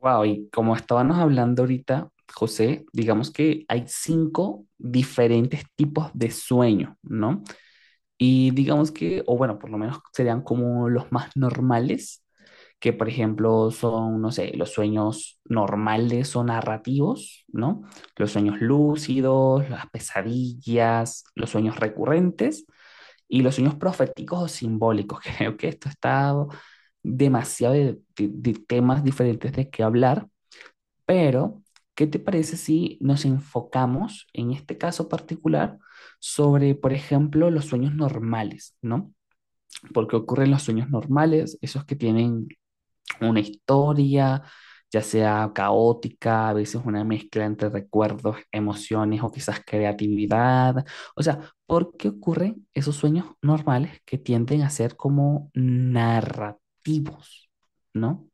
Wow, y como estábamos hablando ahorita, José, digamos que hay cinco diferentes tipos de sueño, ¿no? Y digamos que, o bueno, por lo menos serían como los más normales, que por ejemplo son, no sé, los sueños normales o narrativos, ¿no? Los sueños lúcidos, las pesadillas, los sueños recurrentes y los sueños proféticos o simbólicos. Creo que esto está demasiado de temas diferentes de qué hablar. Pero, ¿qué te parece si nos enfocamos en este caso particular sobre, por ejemplo, los sueños normales? ¿No? Porque ocurren los sueños normales, esos que tienen una historia, ya sea caótica, a veces una mezcla entre recuerdos, emociones o quizás creatividad. O sea, ¿por qué ocurren esos sueños normales que tienden a ser como narrativos? ¿No?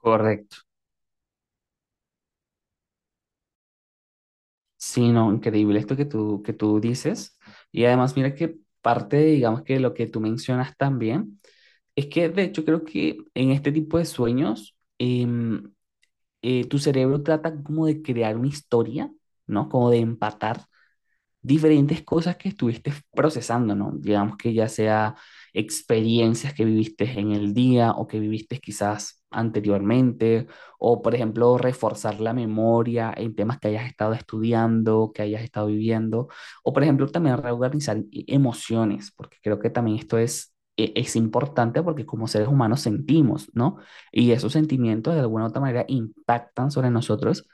Correcto. Sí, no, increíble esto que tú dices. Y además, mira que parte, digamos que lo que tú mencionas también, es que de hecho creo que en este tipo de sueños, tu cerebro trata como de crear una historia, ¿no? Como de empatar diferentes cosas que estuviste procesando, ¿no? Digamos que ya sea experiencias que viviste en el día o que viviste quizás anteriormente, o por ejemplo, reforzar la memoria en temas que hayas estado estudiando, que hayas estado viviendo, o por ejemplo, también reorganizar emociones, porque creo que también esto es importante porque como seres humanos sentimos, ¿no? Y esos sentimientos de alguna u otra manera impactan sobre nosotros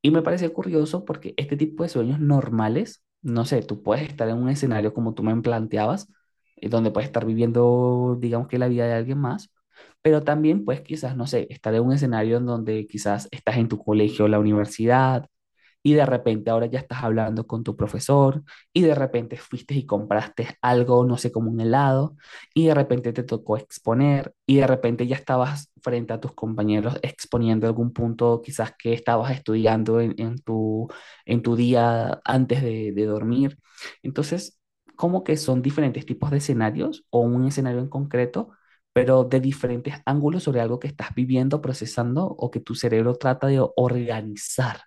y me parece curioso porque este tipo de sueños normales, no sé, tú puedes estar en un escenario como tú me planteabas, donde puedes estar viviendo, digamos que la vida de alguien más, pero también puedes quizás, no sé, estar en un escenario en donde quizás estás en tu colegio o la universidad, y de repente ahora ya estás hablando con tu profesor y de repente fuiste y compraste algo, no sé, como un helado y de repente te tocó exponer y de repente ya estabas frente a tus compañeros exponiendo algún punto quizás que estabas estudiando en tu, en tu día antes de dormir. Entonces, como que son diferentes tipos de escenarios o un escenario en concreto pero de diferentes ángulos sobre algo que estás viviendo, procesando o que tu cerebro trata de organizar.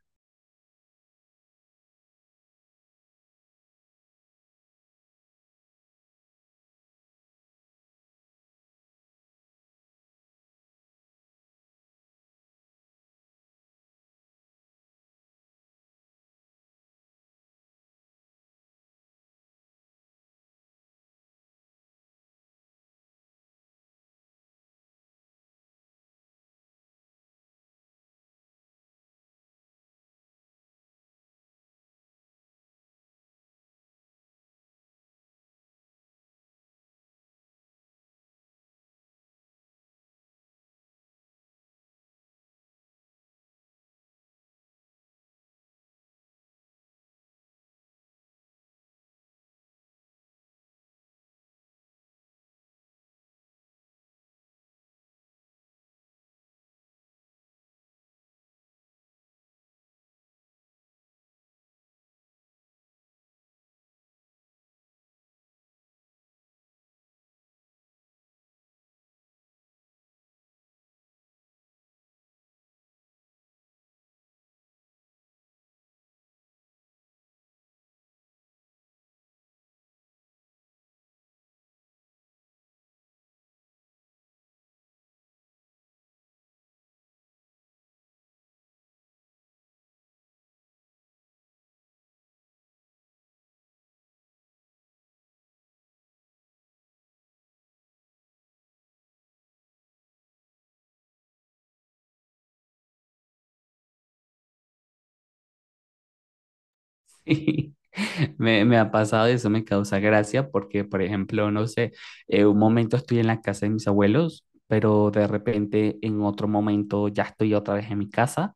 Sí, me ha pasado y eso me causa gracia porque, por ejemplo, no sé, un momento estoy en la casa de mis abuelos, pero de repente en otro momento ya estoy otra vez en mi casa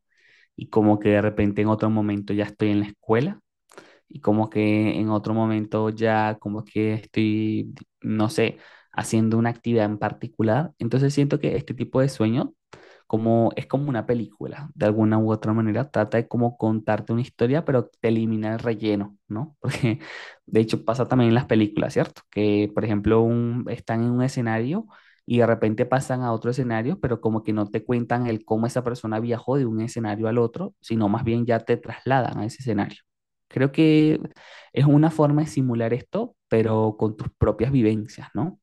y como que de repente en otro momento ya estoy en la escuela y como que en otro momento ya como que estoy, no sé, haciendo una actividad en particular. Entonces siento que este tipo de sueño como es como una película, de alguna u otra manera, trata de como contarte una historia, pero te elimina el relleno, ¿no? Porque de hecho pasa también en las películas, ¿cierto? Que por ejemplo están en un escenario y de repente pasan a otro escenario, pero como que no te cuentan el cómo esa persona viajó de un escenario al otro, sino más bien ya te trasladan a ese escenario. Creo que es una forma de simular esto, pero con tus propias vivencias, ¿no?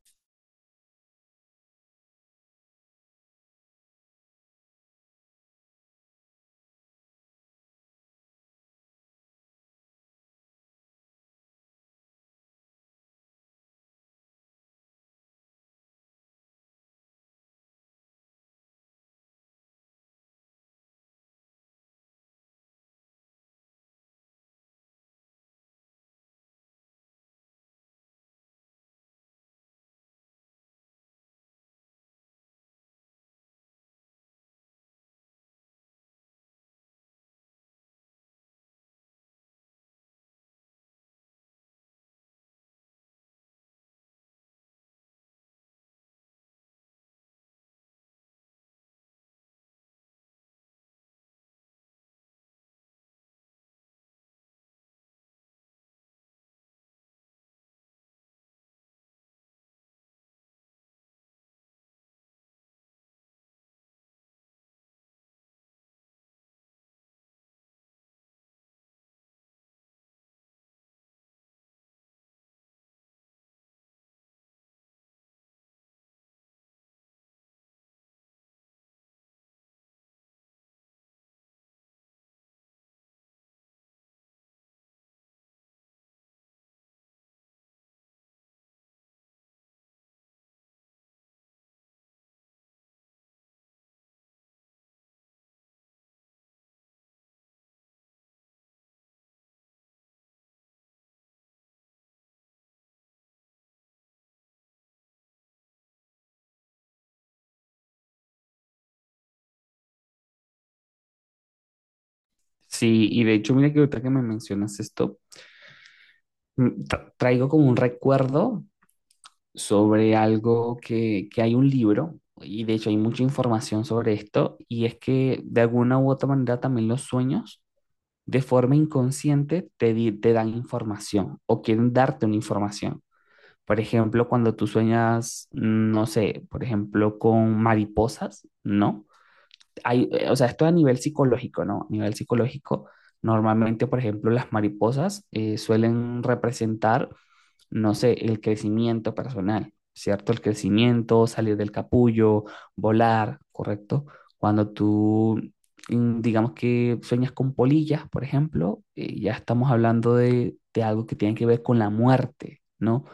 Sí, y de hecho, mira que ahorita que me mencionas esto, traigo como un recuerdo sobre algo que hay un libro, y de hecho hay mucha información sobre esto, y es que de alguna u otra manera también los sueños de forma inconsciente te dan información o quieren darte una información. Por ejemplo, cuando tú sueñas, no sé, por ejemplo, con mariposas, ¿no? Hay, o sea, esto a nivel psicológico, ¿no? A nivel psicológico, normalmente, por ejemplo, las mariposas suelen representar, no sé, el crecimiento personal, ¿cierto? El crecimiento, salir del capullo, volar, ¿correcto? Cuando tú, digamos que sueñas con polillas, por ejemplo, ya estamos hablando de algo que tiene que ver con la muerte, ¿no?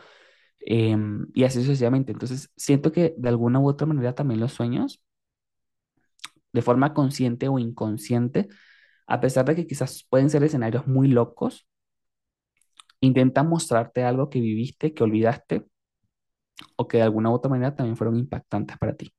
Y así sucesivamente. Entonces, siento que de alguna u otra manera también los sueños de forma consciente o inconsciente, a pesar de que quizás pueden ser escenarios muy locos, intentan mostrarte algo que viviste, que olvidaste o que de alguna u otra manera también fueron impactantes para ti.